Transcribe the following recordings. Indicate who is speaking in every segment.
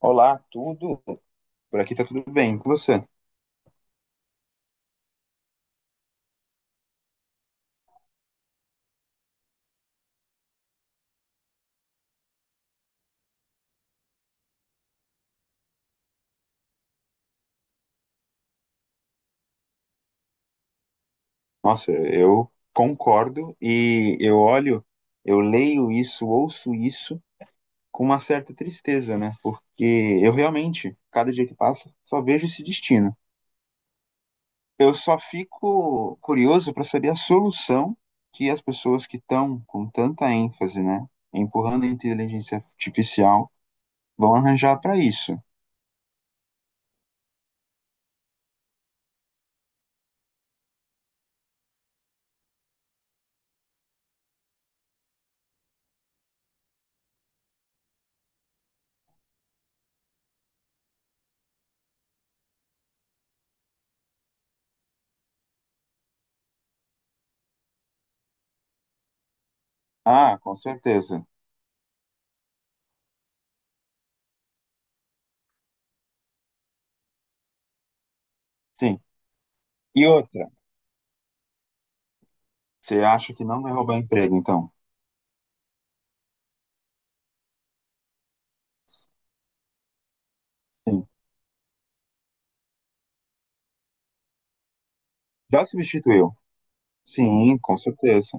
Speaker 1: Olá, tudo? Por aqui tá tudo bem com você? Nossa, eu concordo e eu leio isso, ouço isso com uma certa tristeza, né? Porque eu realmente, cada dia que passa, só vejo esse destino. Eu só fico curioso para saber a solução que as pessoas que estão com tanta ênfase, né, empurrando a inteligência artificial vão arranjar para isso. Ah, com certeza. Sim. E outra, você acha que não vai roubar emprego, então? Já substituiu. Sim, com certeza.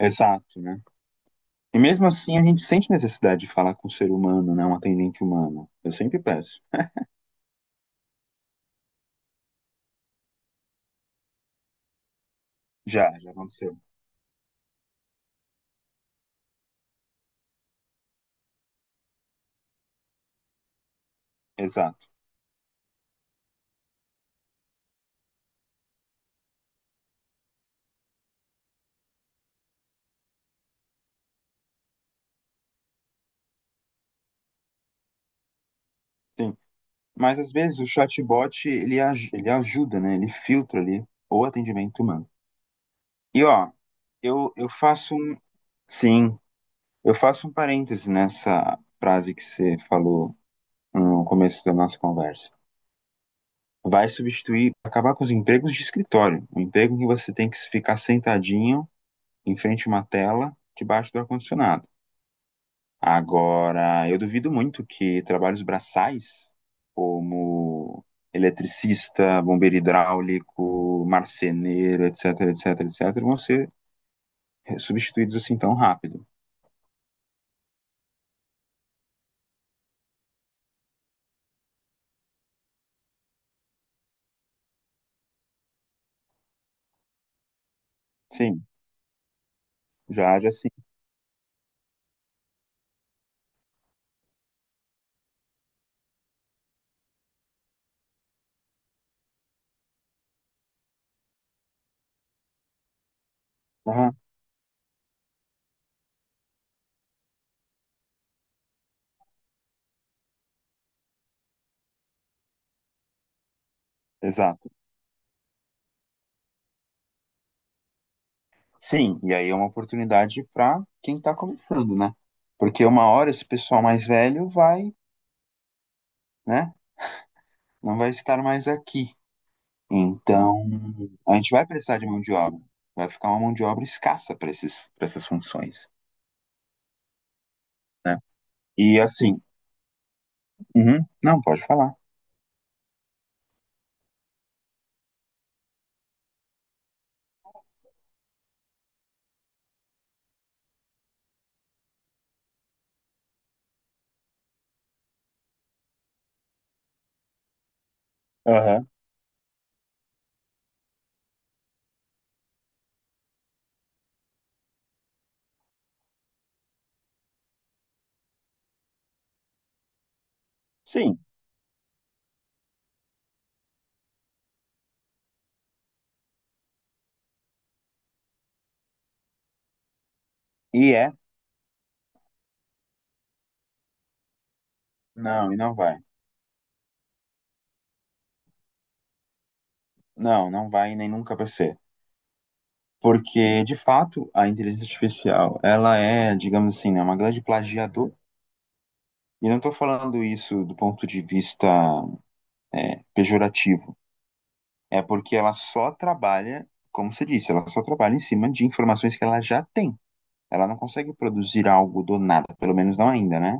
Speaker 1: Exato, né? E mesmo assim a gente sente necessidade de falar com um ser humano, né? Um atendente humano. Eu sempre peço. Já, já aconteceu. Exato. Sim. Mas às vezes o chatbot, ele, ele ajuda, né? Ele filtra ali o atendimento humano. E ó, eu faço um. Sim, eu faço um parêntese nessa frase que você falou no começo da nossa conversa. Vai substituir, acabar com os empregos de escritório. O emprego em que você tem que ficar sentadinho em frente a uma tela debaixo do ar-condicionado. Agora, eu duvido muito que trabalhos braçais, como eletricista, bombeiro hidráulico, marceneiro, etc, etc, etc, vão ser substituídos assim tão rápido. Sim, já age assim. Aham, exato. Sim, e aí é uma oportunidade para quem está começando, né? Porque uma hora esse pessoal mais velho vai, né? Não vai estar mais aqui. Então, a gente vai precisar de mão de obra. Vai ficar uma mão de obra escassa para esses, para essas funções, né? E assim, uhum, não, pode falar. Aham. Sim. E é? Não, e não vai. Não, não vai e nem nunca vai ser. Porque, de fato, a inteligência artificial, ela é, digamos assim, né, uma grande plagiadora. E não estou falando isso do ponto de vista pejorativo. É porque ela só trabalha, como você disse, ela só trabalha em cima de informações que ela já tem. Ela não consegue produzir algo do nada, pelo menos não ainda, né?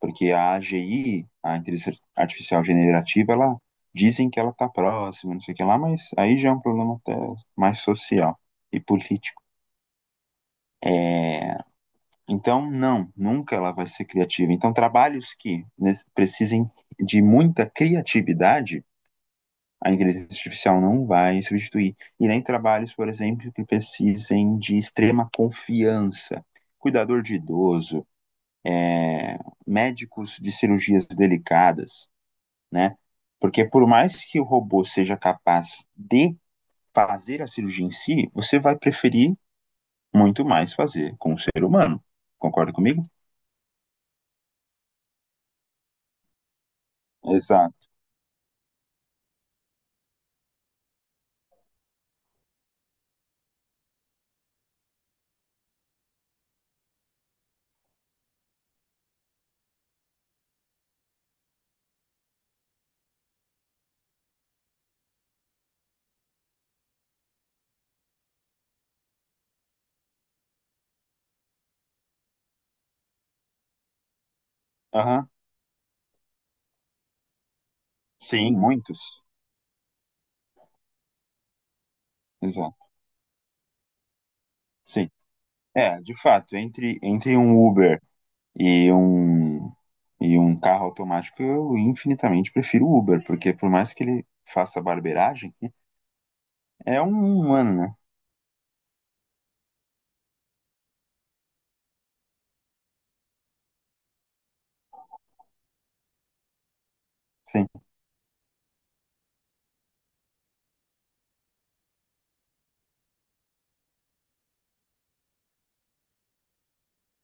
Speaker 1: Porque a AGI, a inteligência artificial generativa, ela dizem que ela está próxima, não sei o que lá, mas aí já é um problema até mais social e político. É, então, não, nunca ela vai ser criativa. Então, trabalhos que precisem de muita criatividade, a inteligência artificial não vai substituir. E nem trabalhos, por exemplo, que precisem de extrema confiança. Cuidador de idoso, é, médicos de cirurgias delicadas, né? Porque por mais que o robô seja capaz de fazer a cirurgia em si, você vai preferir muito mais fazer com o ser humano. Concorda comigo? Exato. Aham. Sim, muitos. Exato. Sim. É, de fato, entre um Uber e um, e um carro automático, eu infinitamente prefiro o Uber, porque por mais que ele faça barbeiragem, é um humano, né? Sim,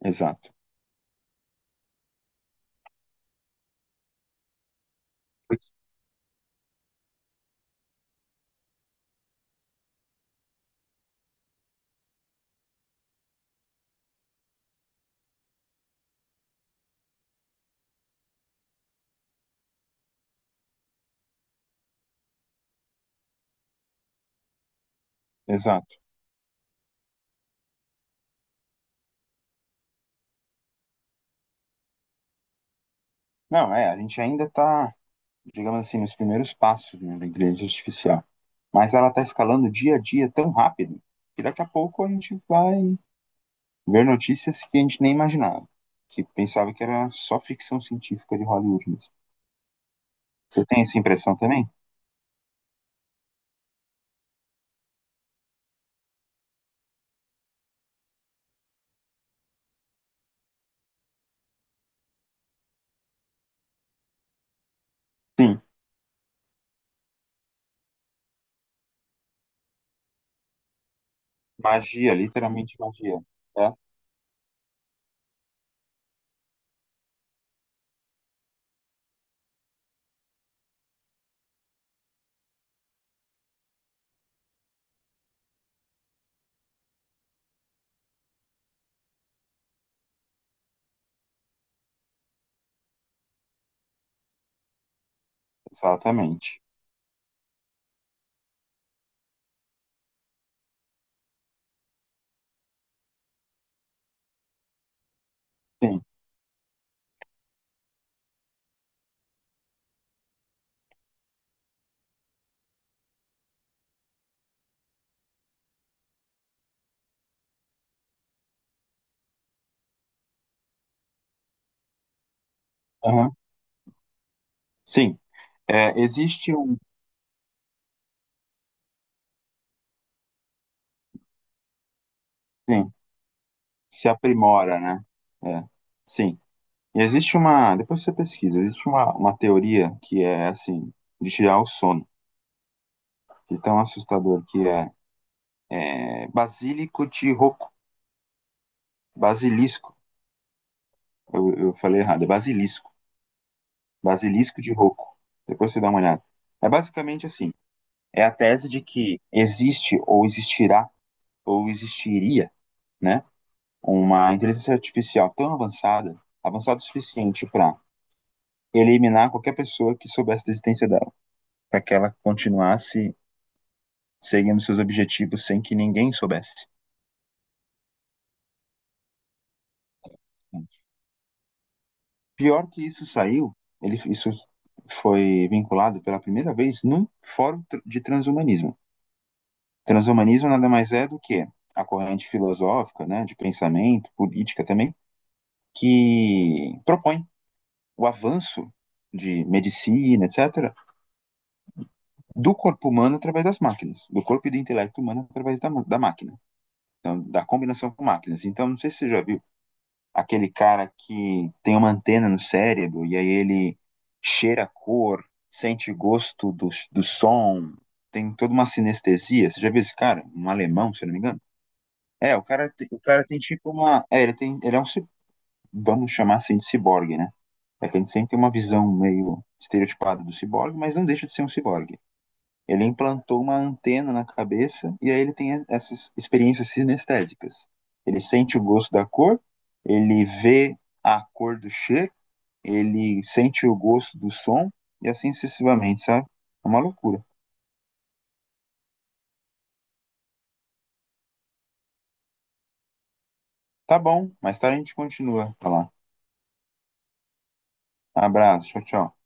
Speaker 1: exato. Exato. Não, é, a gente ainda está, digamos assim, nos primeiros passos, né, da inteligência artificial. Mas ela está escalando dia a dia tão rápido que daqui a pouco a gente vai ver notícias que a gente nem imaginava, que pensava que era só ficção científica de Hollywood mesmo. Você tem essa impressão também? Sim. Magia, literalmente magia. É, exatamente. Sim. Aham. Sim. É, existe um. Sim. Se aprimora, né? É. Sim. E existe uma, depois você pesquisa, existe uma teoria que é assim, de tirar o sono, de tão assustador que é, é basílico de roco, basilisco, eu falei errado, é basilisco, basilisco de roco, depois você dá uma olhada. É basicamente assim, é a tese de que existe ou existirá ou existiria, né, uma inteligência artificial tão avançada, avançada o suficiente para eliminar qualquer pessoa que soubesse da existência dela, para que ela continuasse seguindo seus objetivos sem que ninguém soubesse. Pior que isso saiu, ele, isso foi vinculado pela primeira vez num fórum de transhumanismo. Transhumanismo nada mais é do que a corrente filosófica, né, de pensamento, política também, que propõe o avanço de medicina, etc., do corpo humano através das máquinas, do corpo e do intelecto humano através da máquina, então, da combinação com máquinas. Então, não sei se você já viu aquele cara que tem uma antena no cérebro e aí ele cheira a cor, sente gosto do som, tem toda uma sinestesia. Você já viu esse cara? Um alemão, se eu não me engano? É, o cara tem tipo uma. É, ele tem. Ele é um. Ci- Vamos chamar assim de ciborgue, né? É que a gente sempre tem uma visão meio estereotipada do ciborgue, mas não deixa de ser um ciborgue. Ele implantou uma antena na cabeça e aí ele tem essas experiências sinestésicas. Ele sente o gosto da cor, ele vê a cor do cheiro, ele sente o gosto do som e assim sucessivamente, sabe? É uma loucura. Tá bom, mais tarde a gente continua a falar. Abraço, tchau, tchau.